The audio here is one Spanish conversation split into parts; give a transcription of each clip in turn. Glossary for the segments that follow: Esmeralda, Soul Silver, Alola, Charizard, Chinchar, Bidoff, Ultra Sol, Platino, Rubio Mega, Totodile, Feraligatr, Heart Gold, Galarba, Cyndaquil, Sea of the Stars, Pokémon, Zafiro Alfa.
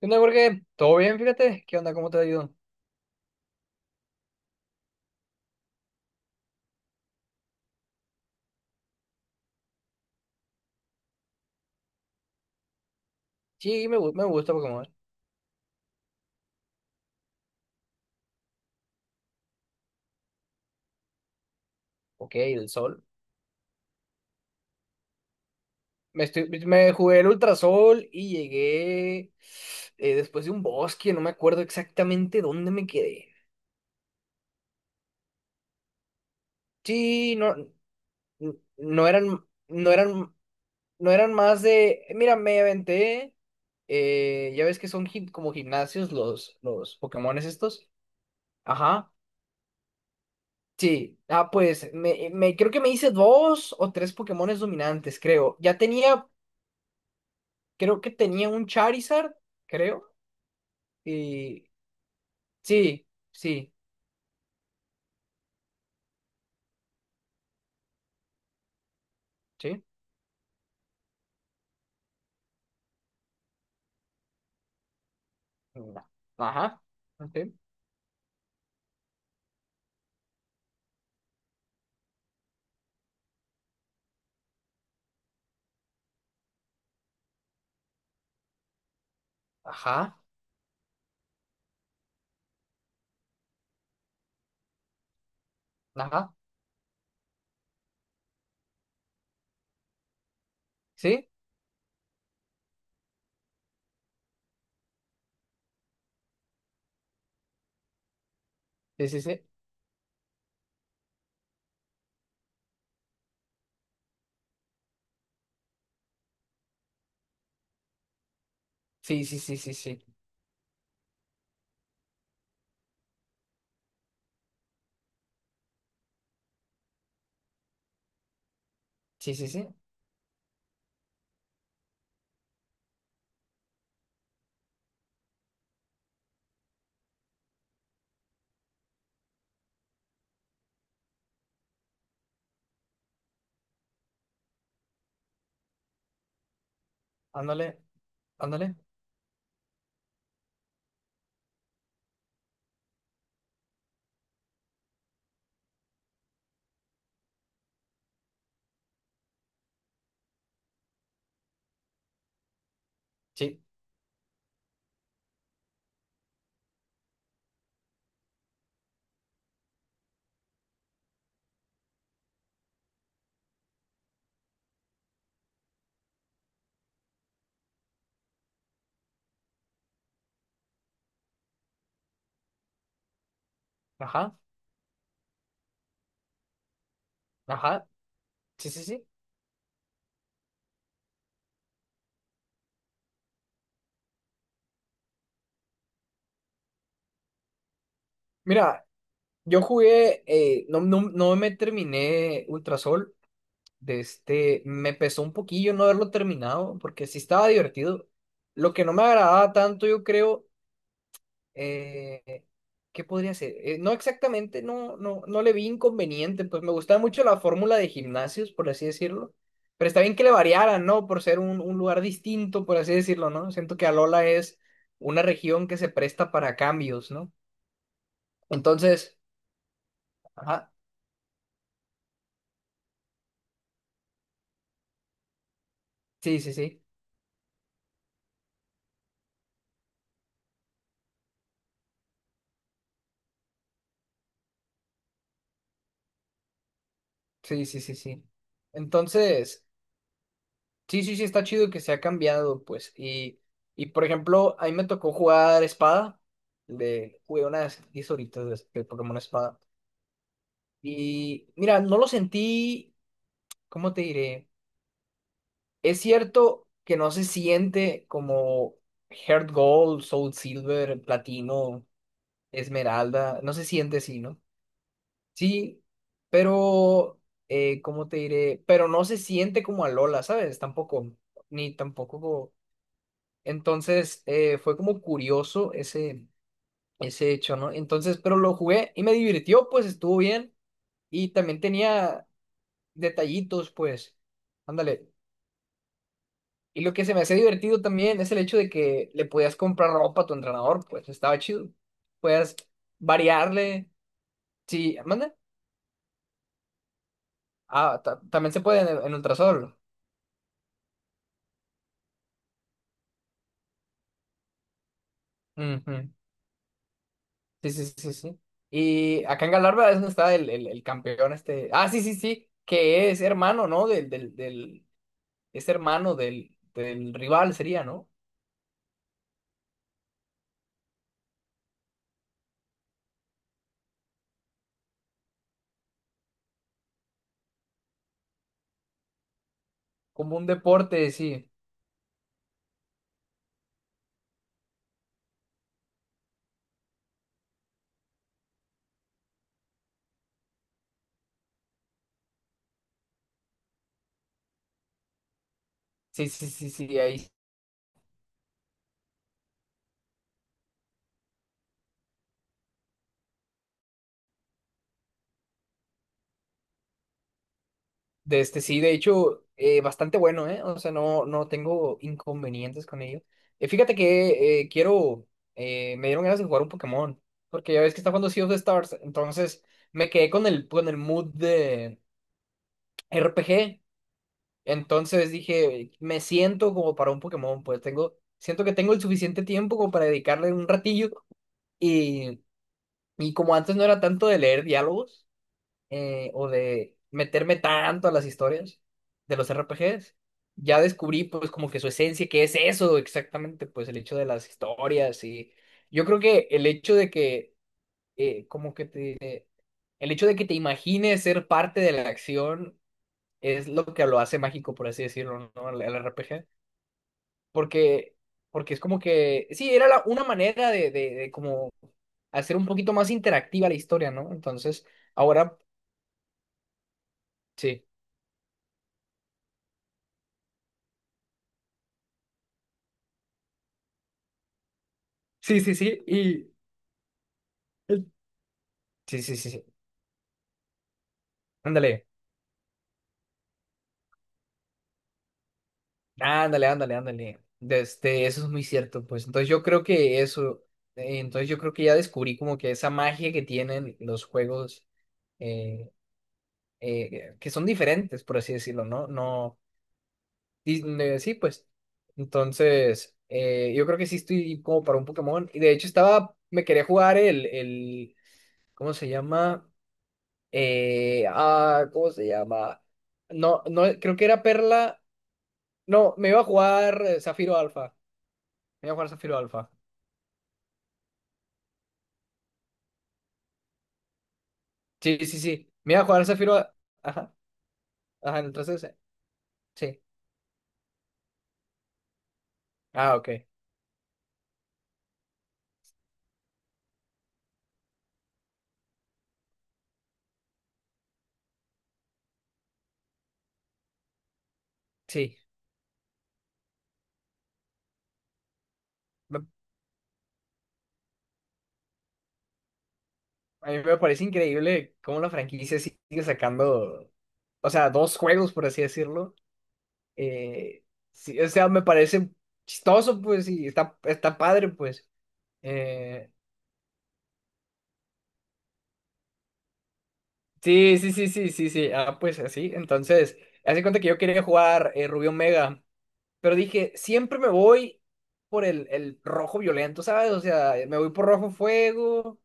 ¿Qué onda, Jorge? ¿Todo bien? Fíjate. ¿Qué onda? ¿Cómo te ha ido? Sí, me gusta Pokémon. Ok, el sol. Me jugué el Ultra Sol y llegué después de un bosque. No me acuerdo exactamente dónde me quedé. Sí, no, n- no eran, no eran, no eran más de. Mira, me aventé. Ya ves que son como gimnasios los Pokémones estos. Ajá. Sí, ah, creo que me hice dos o tres Pokémones dominantes, creo. Ya tenía creo que tenía un Charizard, creo. Y sí, sí, sí. No, ajá, sí, ajá, ajá. Sí, sí, sí, sí. Sí, sí, sí, sí, sí. Sí, sí, sí. Ándale, ándale. Sí. Ajá. Ajá. Sí, sí, sí. Mira, yo jugué, no, no me terminé Ultrasol. De este, me pesó un poquillo no haberlo terminado, porque sí estaba divertido. Lo que no me agradaba tanto, yo creo, eh, ¿qué podría ser? No exactamente, no, no le vi inconveniente, pues me gustaba mucho la fórmula de gimnasios, por así decirlo. Pero está bien que le variaran, ¿no? Por ser un lugar distinto, por así decirlo, ¿no? Siento que Alola es una región que se presta para cambios, ¿no? Entonces, ajá, sí, sí, sí, sí, sí, sí, sí. Entonces, sí, sí, sí, está chido que se ha cambiado, pues. Y por ejemplo, a mí me tocó jugar espada, de, jugué unas 10 horitas de Pokémon espada. Y mira, no lo sentí, ¿cómo te diré? Es cierto que no se siente como Heart Gold, Soul Silver, Platino, Esmeralda, no se siente así, ¿no? Sí, pero, ¿cómo te diré? Pero no se siente como a Lola, ¿sabes? Tampoco, ni tampoco. Entonces, fue como curioso ese, ese hecho, ¿no? Entonces, pero lo jugué y me divirtió, pues estuvo bien. Y también tenía detallitos, pues. Ándale. Y lo que se me hace divertido también es el hecho de que le podías comprar ropa a tu entrenador, pues estaba chido. Podías variarle. Sí, manda. Ah, también se puede en Ultrasol. Ujú. Sí, sí, sí, sí. Y acá en Galarba es donde está el campeón este. Ah, sí, sí, sí. Que es hermano, ¿no? Es hermano del, del rival, sería, ¿no? Como un deporte, sí. Sí, sí, sí, sí. Ahí de este, sí, de hecho, bastante bueno, ¿eh? O sea, no, no tengo inconvenientes con ello. Fíjate que me dieron ganas de jugar un Pokémon, porque ya ves que está jugando Sea of the Stars, entonces me quedé con el mood de RPG, entonces dije, me siento como para un Pokémon, pues tengo, siento que tengo el suficiente tiempo como para dedicarle un ratillo, y, y como antes no era tanto de leer diálogos, o de meterme tanto a las historias de los RPGs. Ya descubrí pues como que su esencia, que es eso exactamente, pues el hecho de las historias y yo creo que el hecho de que eh, como que te, el hecho de que te imagines ser parte de la acción es lo que lo hace mágico, por así decirlo, ¿no? El RPG. Porque, porque es como que, sí, una manera de como hacer un poquito más interactiva la historia, ¿no? Entonces, ahora, sí. Sí, sí, sí. Y sí, sí, sí, sí. Ándale, ándale, ándale, ándale. Este, eso es muy cierto, pues. Entonces yo creo que eso, entonces yo creo que ya descubrí como que esa magia que tienen los juegos eh, que son diferentes, por así decirlo, ¿no? No, sí, pues. Entonces, yo creo que sí estoy como para un Pokémon. Y de hecho estaba, me quería jugar ¿cómo se llama? ¿Cómo se llama? No, no, creo que era Perla. No, me iba a jugar Zafiro Alfa. Me iba a jugar Zafiro Alfa. Sí, sí, sí. Me iba a jugar Zafiro. Ajá. Ajá, entonces. Eh, sí. Ah, ok. Sí. Me- A mí me parece increíble cómo la franquicia sigue sacando. O sea, dos juegos, por así decirlo. Eh, sí, o sea, me parece chistoso, pues, y está, está padre, pues. Eh, sí, sí, sí, sí, sí, sí. Ah, pues así. Entonces, hace cuenta que yo quería jugar Rubio Mega. Pero dije, siempre me voy por el rojo violento, ¿sabes? O sea, me voy por rojo fuego,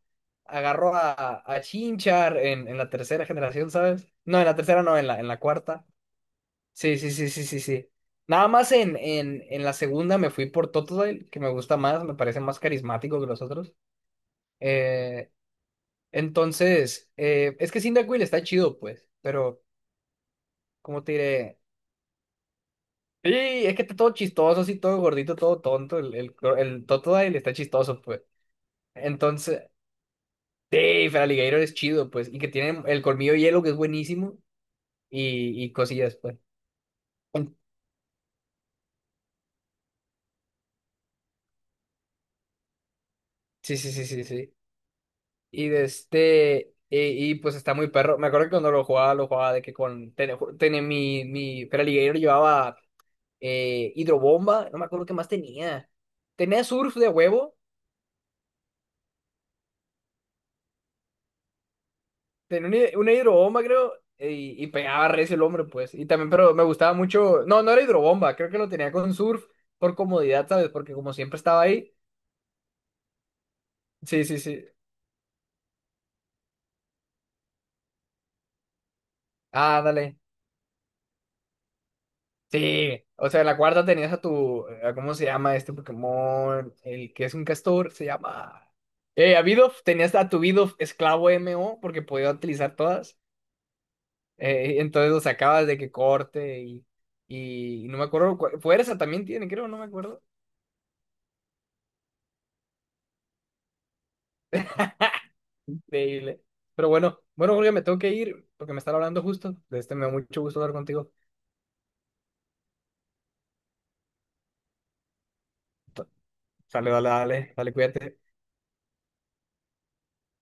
agarro a Chinchar en la tercera generación, ¿sabes? No, en la tercera no, en la cuarta. Sí, sí, sí, sí, sí, sí. Nada más en la segunda me fui por Totodile, que me gusta más, me parece más carismático que los otros. Eh, entonces, es que Cyndaquil está chido, pues, pero, ¿cómo te diré? Sí, es que está todo chistoso, así todo gordito, todo tonto. El Totodile está chistoso, pues. Entonces, sí, Feraligatr es chido, pues. Y que tiene el colmillo hielo, que es buenísimo. Y cosillas, pues. En- Sí, sí, sí, sí, sí. Y de este. Y, pues está muy perro. Me acuerdo que cuando lo jugaba de que con. Tenía mi Feraligatr llevaba hidrobomba. No me acuerdo qué más tenía. Tenía surf de huevo. Tenía una hidrobomba, creo, y pegaba recio el hombre, pues. Y también, pero me gustaba mucho. No, no era hidrobomba, creo que lo tenía con surf por comodidad, ¿sabes? Porque como siempre estaba ahí. Sí, sí, sí. Ah, dale. Sí. O sea, en la cuarta tenías a tu. A ¿cómo se llama este Pokémon? El que es un castor, se llama. A Bidoff, tenías a tu Bidoff esclavo MO, porque podía utilizar todas. Entonces lo sacabas de que corte y. Y no me acuerdo. Fuerza también tiene, creo, no me acuerdo. Increíble. Pero bueno, bueno, Julio, me tengo que ir porque me están hablando justo. De este me da mucho gusto hablar contigo. Sale, dale, dale, dale, cuídate.